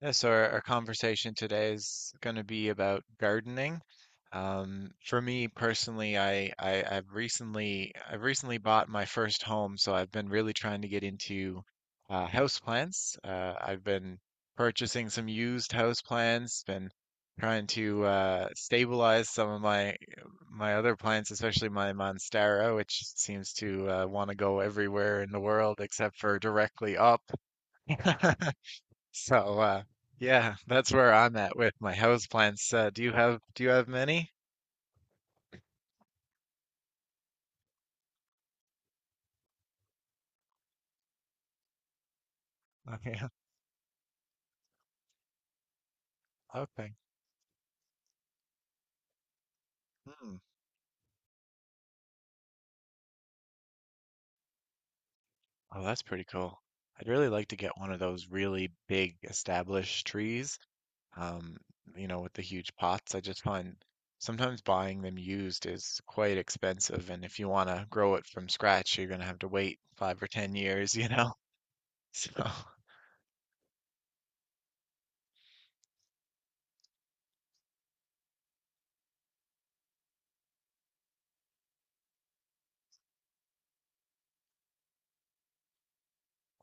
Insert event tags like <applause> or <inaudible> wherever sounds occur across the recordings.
Yeah, so our conversation today is going to be about gardening. For me personally, I've recently bought my first home, so I've been really trying to get into houseplants. I've been purchasing some used houseplants, been trying to stabilize some of my other plants, especially my monstera, which seems to want to go everywhere in the world except for directly up. <laughs> So uh yeah, that's where I'm at with my houseplants. Do you have many? Okay. <laughs> Okay. Hmm. Oh, that's pretty cool. I'd really like to get one of those really big established trees, um, you know, with the huge pots. I just find sometimes buying them used is quite expensive, and if you want to grow it from scratch, you're going to have to wait 5 or 10 years, you know. <laughs> So,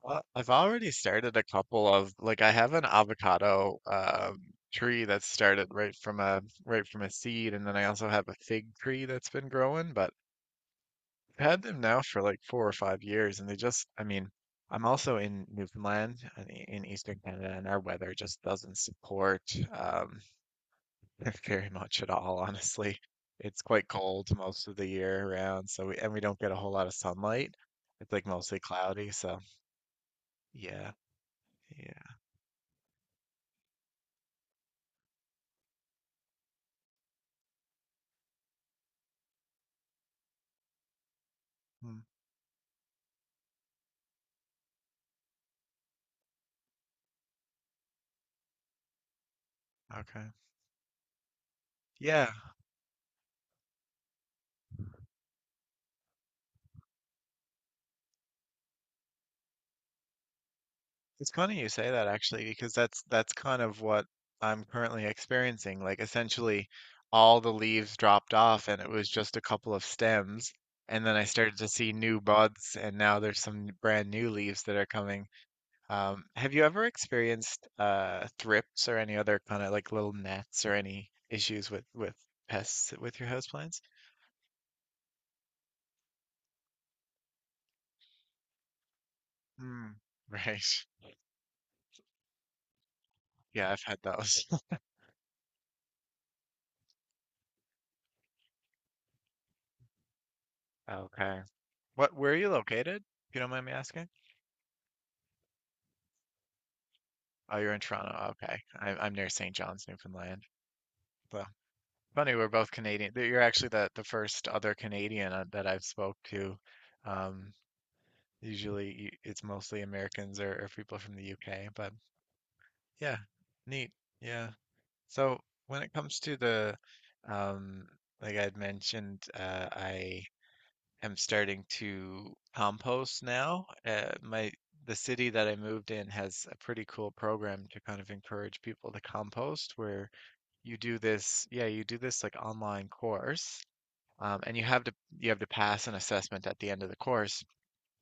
Well, I've already started a couple of like I have an avocado tree that's started right from a seed, and then I also have a fig tree that's been growing. But I've had them now for like 4 or 5 years, and they just I mean I'm also in Newfoundland, in Eastern Canada, and our weather just doesn't support um, <laughs> very much at all, honestly. It's quite cold most of the year around, so we and we don't get a whole lot of sunlight. It's like mostly cloudy, so yeah, yeah. Mm, okay. Yeah, it's funny you say that actually, because that's kind of what I'm currently experiencing. Like essentially all the leaves dropped off and it was just a couple of stems. And then I started to see new buds and now there's some brand new leaves that are coming. Have you ever experienced thrips or any other kind of like little gnats or any issues with pests with your houseplants? Hmm, <laughs> right. Yeah, I've had those. <laughs> Okay. What, where are you located, if you don't mind me asking? Oh, you're in Toronto. Okay. I'm near St. John's, Newfoundland. So funny, we're both Canadian. That You're actually the first other Canadian that I've spoke to. Um, Usually it's mostly Americans or people from the UK, but yeah, neat. Yeah. So when it comes to the, um, like I had mentioned, I am starting to compost now. My the city that I moved in has a pretty cool program to kind of encourage people to compost, where you do this, yeah, you do this like online course, and you have to pass an assessment at the end of the course,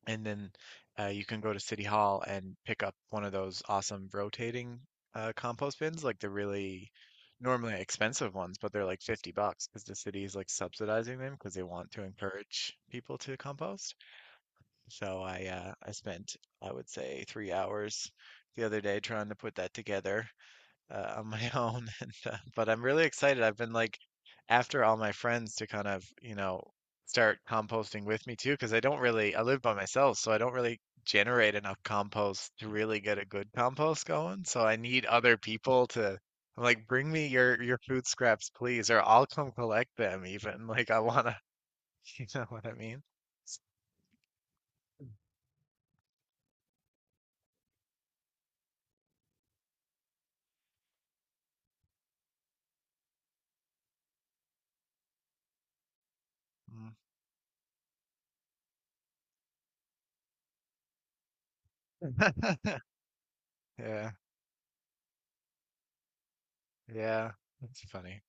and then you can go to City Hall and pick up one of those awesome rotating compost bins, like the really normally expensive ones, but they're like 50 bucks because the city is like subsidizing them because they want to encourage people to compost. So I spent I would say 3 hours the other day trying to put that together on my <laughs> own. But I'm really excited. I've been like after all my friends to kind of, you know, start composting with me too, because I don't really, I live by myself, so I don't really generate enough compost to really get a good compost going. So I need other people to, I'm like, bring me your food scraps, please, or I'll come collect them even. <laughs> Like I wanna, <laughs> you know what I mean? Mm. <laughs> Yeah, yeah, that's funny.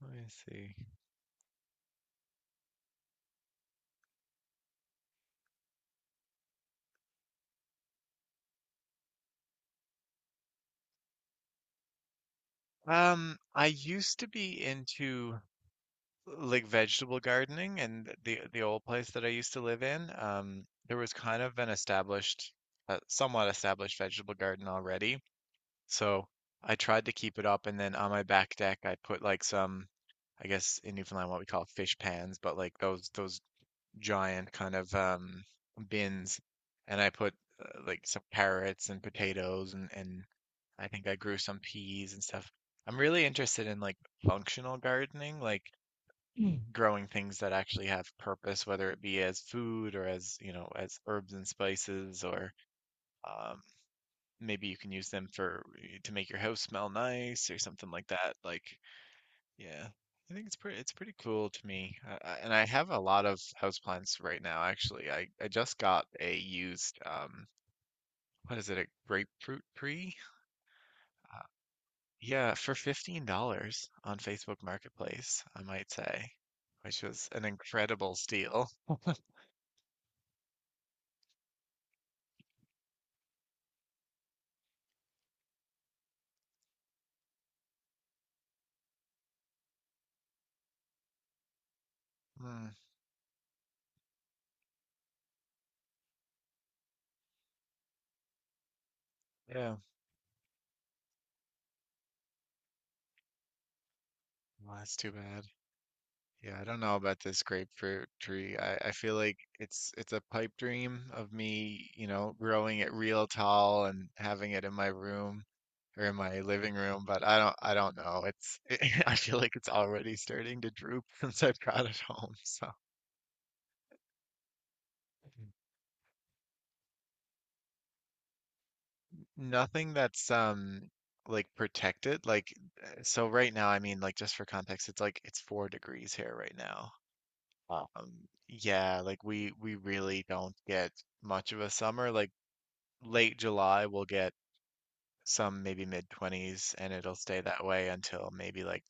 Let me see. I used to be into like vegetable gardening and the old place that I used to live in, there was kind of an established, somewhat established vegetable garden already. So I tried to keep it up, and then on my back deck, I put like some, I guess in Newfoundland what we call fish pans, but like those giant kind of bins, and I put like some carrots and potatoes, and I think I grew some peas and stuff. I'm really interested in like functional gardening, like growing things that actually have purpose, whether it be as food or as, you know, as herbs and spices, or um, maybe you can use them for eh, to make your house smell nice or something like that. Like, yeah, I think it's pretty cool to me. And I have a lot of houseplants right now, actually. I just got a used what is it, a grapefruit tree? Uh, yeah, for $15 on Facebook Marketplace, I might say, which was an incredible steal. Mm, yeah. Well, that's too bad. Yeah, I don't know about this grapefruit tree. I feel like it's a pipe dream of me, you know, growing it real tall and having it in my room or in my living room, but I don't know. It's <laughs> I feel like it's already starting to droop <laughs> since I brought it home. So nothing that's like protected. Like so right now, I mean like just for context, it's 4 degrees here right now. Wow. Yeah, like we really don't get much of a summer. Like late July, we'll get some maybe mid 20s, and it'll stay that way until maybe like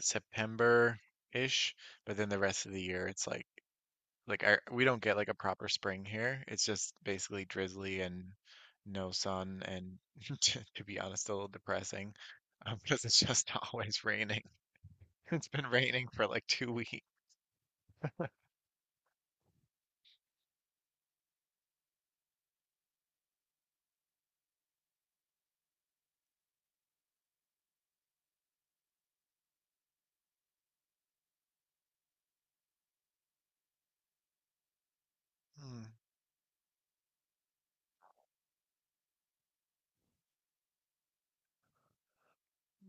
September-ish. But then the rest of the year, it's like our, we don't get like a proper spring here. It's just basically drizzly and no sun, and <laughs> to be honest, a little depressing <laughs> because it's just <laughs> always raining. <laughs> It's been raining for like 2 weeks. Mm,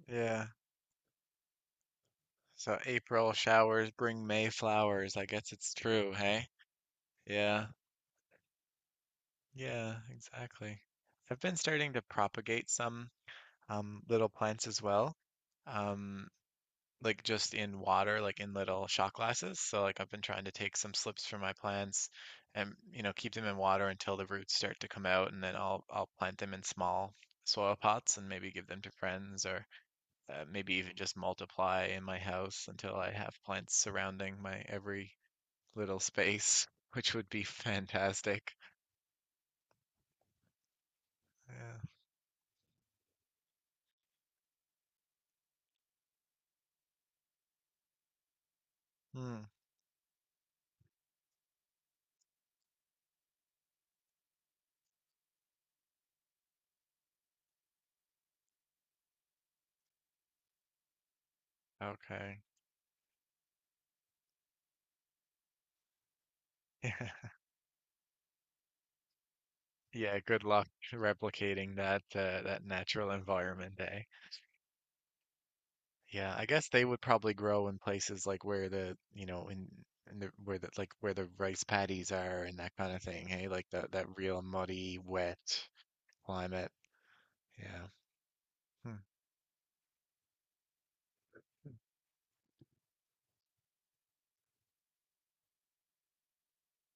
yeah. So April showers bring May flowers. I guess it's true, hey? Yeah, yeah, exactly. I've been starting to propagate some little plants as well, um, like just in water, like in little shot glasses. So like I've been trying to take some slips from my plants and you know keep them in water until the roots start to come out, and then I'll plant them in small soil pots and maybe give them to friends or maybe even just multiply in my house until I have plants surrounding my every little space, which would be fantastic. Yeah. Hmm. Okay. Yeah. <laughs> Yeah, good luck replicating that that natural environment, eh? Yeah, I guess they would probably grow in places like where the, you know, in the where the like where the rice paddies are and that kind of thing, hey? Like that real muddy, wet climate. Yeah. Hmm.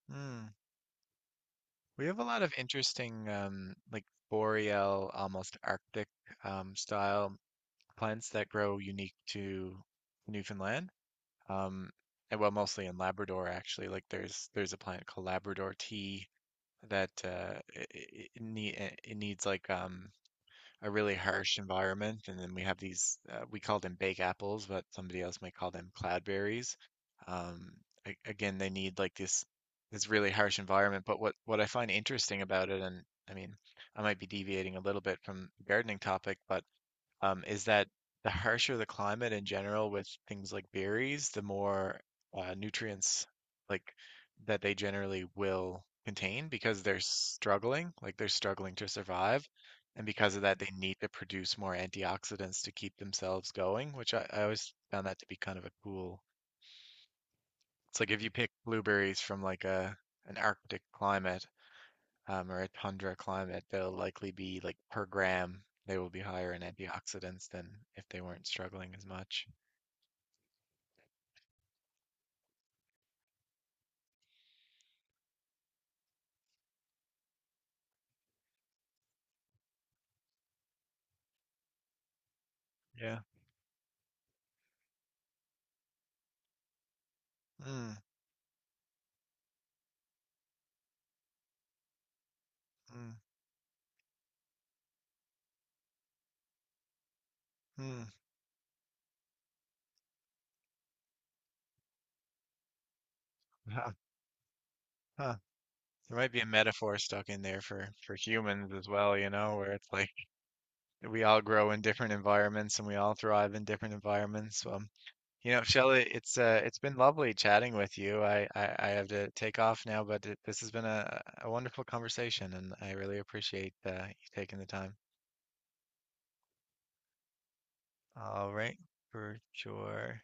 Hmm. We have a lot of interesting like boreal, almost Arctic style plants that grow unique to Newfoundland. Um, and well, mostly in Labrador actually. Like there's a plant called Labrador tea that it needs like a really harsh environment. And then we have these we call them bake apples, but somebody else might call them cloudberries. Um, Again, they need like this really harsh environment. But what I find interesting about it, and I mean, I might be deviating a little bit from the gardening topic, but is that the harsher the climate in general with things like berries, the more nutrients like that they generally will contain because they're struggling, like they're struggling to survive. And because of that, they need to produce more antioxidants to keep themselves going, which I always found that to be kind of a cool. It's like if you pick blueberries from like a an Arctic climate, or a tundra climate, they'll likely be like per gram, they will be higher in antioxidants than if they weren't struggling as much. Yeah. Mm, mm, mm. Huh, huh. There might be a metaphor stuck in there for humans as well, you know, where it's like we all grow in different environments and we all thrive in different environments. You know, Shelley, it's been lovely chatting with you. I have to take off now, but it, this has been a wonderful conversation, and I really appreciate you taking the time. All right, for sure.